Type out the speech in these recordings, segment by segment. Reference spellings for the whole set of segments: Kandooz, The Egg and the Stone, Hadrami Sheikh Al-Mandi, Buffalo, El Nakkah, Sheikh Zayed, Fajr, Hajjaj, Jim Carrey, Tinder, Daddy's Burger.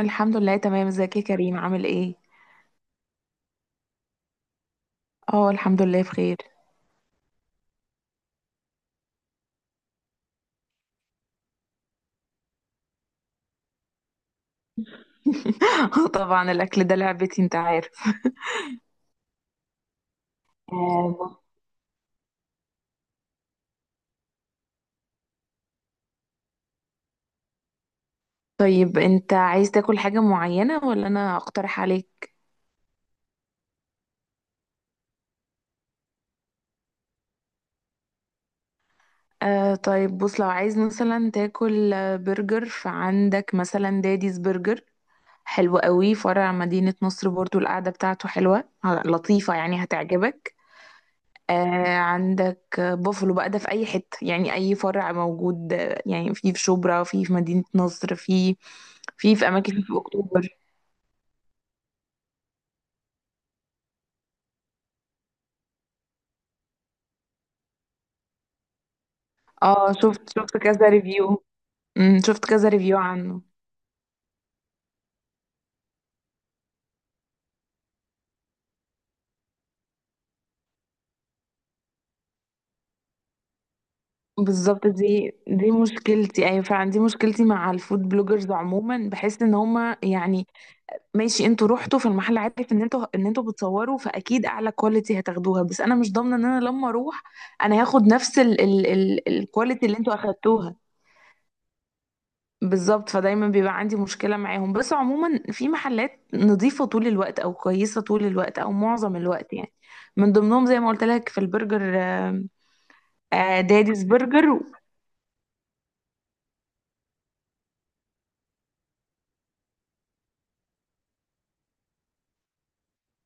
الحمد لله تمام. ازيك يا كريم؟ عامل ايه؟ اه الحمد لله بخير. طبعا الاكل ده لعبتي، انت عارف. آه. طيب انت عايز تاكل حاجة معينة ولا انا اقترح عليك؟ آه طيب بص، لو عايز مثلا تاكل برجر فعندك مثلا داديز برجر، حلو قوي. فرع مدينة نصر برضو القعدة بتاعته حلوة، لطيفة يعني، هتعجبك. آه عندك بوفلو بقى، ده في اي حته يعني، اي فرع موجود. يعني في شبرا، في مدينه نصر، في اماكن في اكتوبر. اه شفت كذا ريفيو، شفت كذا ريفيو عنه. بالظبط، دي مشكلتي. ايوه فعلا دي مشكلتي مع الفود بلوجرز عموما. بحس ان هما يعني ماشي، انتوا رحتوا في المحل، عارف ان انتوا بتصوروا، فاكيد اعلى كواليتي هتاخدوها، بس انا مش ضامنه ان انا لما اروح انا هاخد نفس الكواليتي اللي انتوا اخدتوها. بالظبط، فدايما بيبقى عندي مشكلة معاهم. بس عموما في محلات نظيفة طول الوقت أو كويسة طول الوقت أو معظم الوقت يعني. من ضمنهم زي ما قلت لك في البرجر، داديز برجر.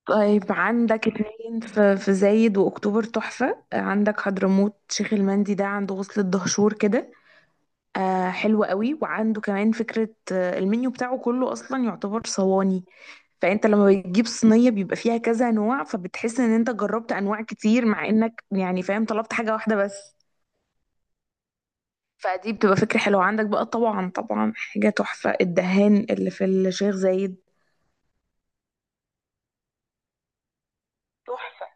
طيب عندك اتنين في زايد وأكتوبر تحفة. عندك حضرموت شيخ المندي، ده عند وصلة دهشور كده. آه حلو قوي، وعنده كمان فكرة. المنيو بتاعه كله أصلا يعتبر صواني، فأنت لما بتجيب صينية بيبقى فيها كذا نوع، فبتحس إن أنت جربت أنواع كتير مع إنك يعني فاهم طلبت حاجة واحدة بس. فدي بتبقى فكرة حلوة. عندك بقى طبعا طبعا حاجة تحفة، الدهان اللي في الشيخ زايد، تحفة.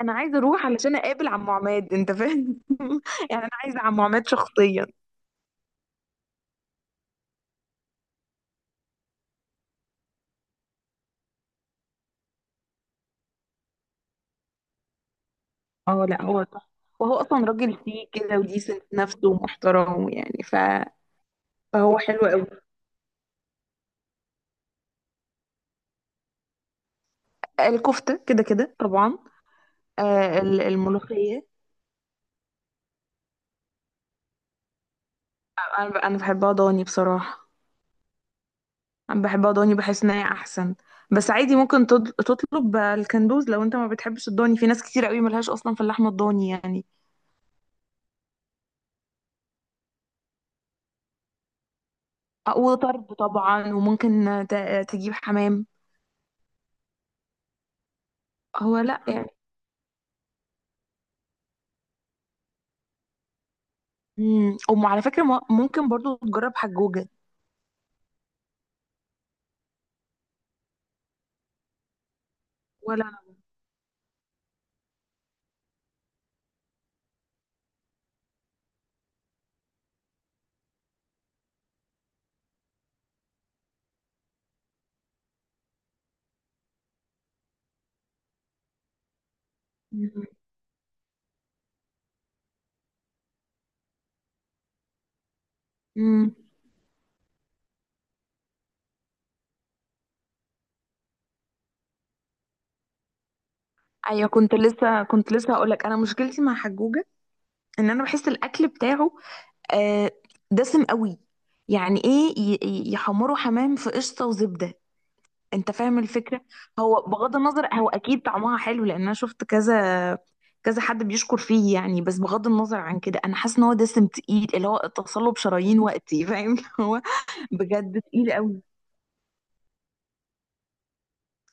أنا عايزة أروح علشان أقابل عم عماد، أنت فاهم. يعني أنا عايزة عم عماد شخصيا. اه لا هو تحفة، وهو أصلا راجل فيه كده، وديسنت نفسه ومحترم يعني فهو حلو قوي. الكفتة كده كده طبعا، الملوخية. انا بحبها ضاني بصراحة. انا بحبها ضاني، بحس ان هي احسن. بس عادي ممكن تطلب الكندوز لو انت ما بتحبش الضاني. في ناس كتير قوي ملهاش اصلا في اللحمة الضاني يعني. وطرب طبعا، وممكن تجيب حمام. هو لا يعني امم وعلى فكرة ممكن برضو تجرب حجوجة ولا. مم. مم. ايوه، كنت لسه هقول لك، انا مشكلتي مع حجوجة ان انا بحس الاكل بتاعه آه، دسم قوي. يعني ايه يحمروا حمام في قشطه وزبده، انت فاهم الفكره. هو بغض النظر، هو اكيد طعمها حلو لان انا شفت كذا كذا حد بيشكر فيه يعني. بس بغض النظر عن كده، انا حاسه ان هو دسم تقيل، اللي هو اتصله بشرايين وقتي، فاهم؟ هو بجد تقيل قوي.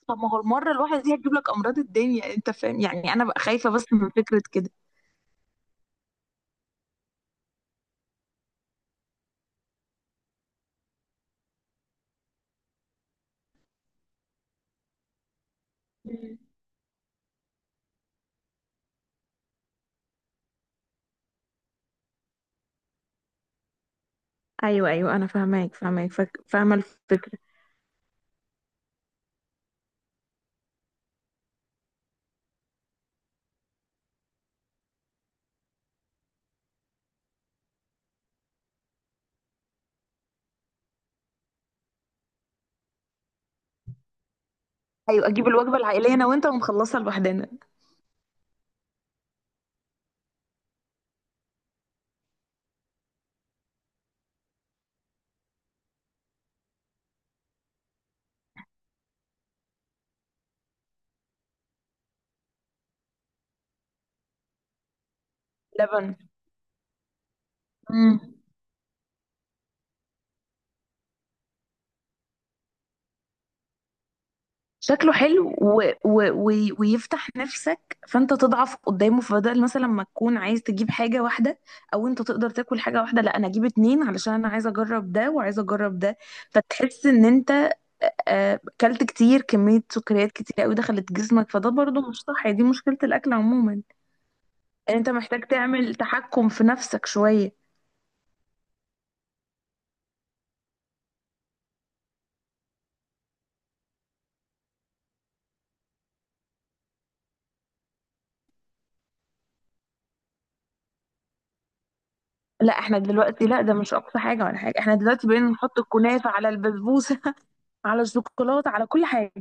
طب ما هو المره الواحده دي هتجيب لك امراض الدنيا، انت فاهم يعني. انا بقى خايفه بس من فكره كده. مم. ايوه ايوه انا فاهماك فاهماك فاهمه الفكره. ايوه اجيب الوجبه العائليه انا وانت ونخلصها لوحدنا. لبن. مم. شكله حلو ويفتح نفسك، فانت تضعف قدامه، فبدل مثلا ما تكون عايز تجيب حاجه واحده او انت تقدر تاكل حاجه واحده، لا انا اجيب اتنين علشان انا عايزه اجرب ده وعايزه اجرب ده. فتحس ان انت اكلت كتير، كميه سكريات كتير قوي دخلت جسمك، فده برضو مش صح. دي مشكله الاكل عموما، ان انت محتاج تعمل تحكم في نفسك شويه. لا احنا دلوقتي لا، ده مش اقصى حاجه ولا حاجه. احنا دلوقتي بقينا نحط الكنافه على البسبوسه، على الشوكولاته، على كل حاجه.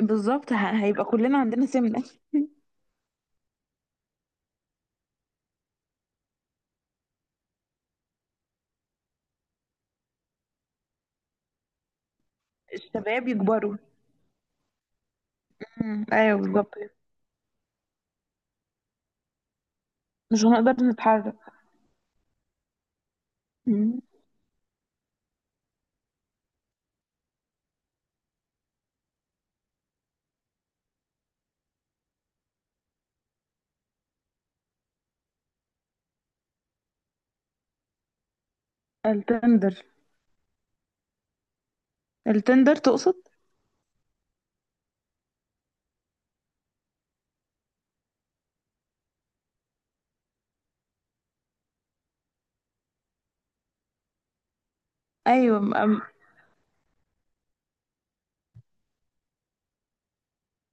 بالظبط، هيبقى كلنا عندنا سمنة. الشباب يكبروا. مم. ايوه بالظبط. مش هنقدر نتحرك. مم. التندر. التندر تقصد؟ ايوه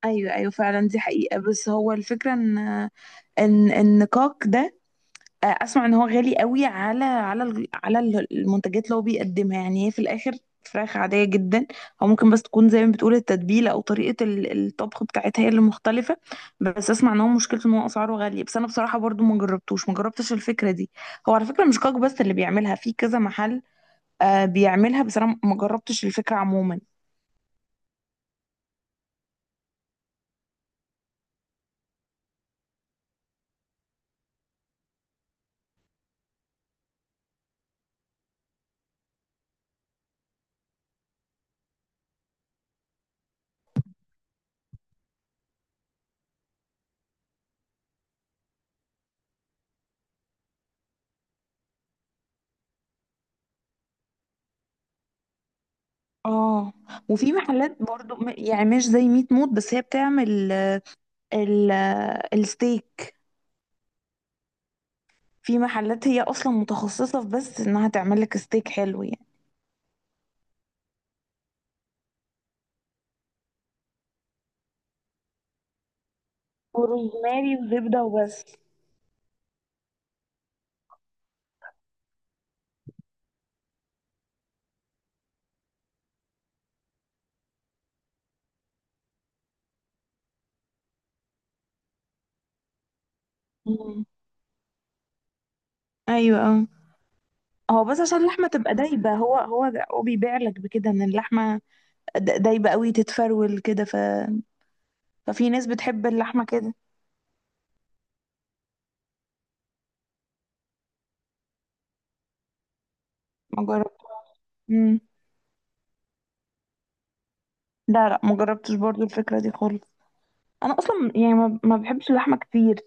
ايوه ايوه فعلا، دي حقيقة. بس هو الفكرة ان النقاق ده، اسمع ان هو غالي قوي على المنتجات اللي هو بيقدمها. يعني هي في الاخر فراخ عادية جدا. او ممكن بس تكون زي ما بتقول التتبيلة او طريقة الطبخ بتاعتها هي اللي مختلفة. بس اسمع ان هو مشكلته ان هو اسعاره غالية. بس انا بصراحة برضو ما جربتش الفكرة دي. هو على فكرة مش كاك بس اللي بيعملها، في كذا محل بيعملها، بس انا ما جربتش الفكرة عموما. اه وفي محلات برضو يعني مش زي ميت موت، بس هي بتعمل الستيك. في محلات هي اصلا متخصصة في بس انها تعمل لك ستيك حلو يعني، وروزماري وزبدة وبس. مم. ايوه اه. هو بس عشان اللحمة تبقى دايبة، هو بيبيع لك بكده ان اللحمة دايبة قوي، تتفرول كده، ففي ناس بتحب اللحمة كده. ما جربت. مم. لا لا، ما جربتش برضو الفكرة دي خالص. انا اصلا يعني ما بحبش اللحمة كتير.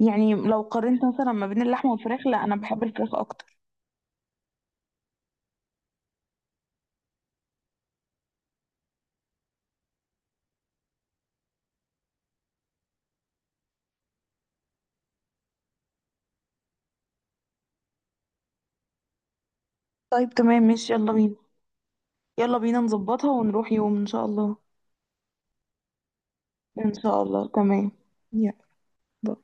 يعني لو قارنت مثلا ما بين اللحمة والفراخ، لا انا بحب الفراخ اكتر. طيب تمام ماشي، يلا بينا. يلا بينا نظبطها ونروح يوم ان شاء الله. إن شاء الله تمام. يلا. باي.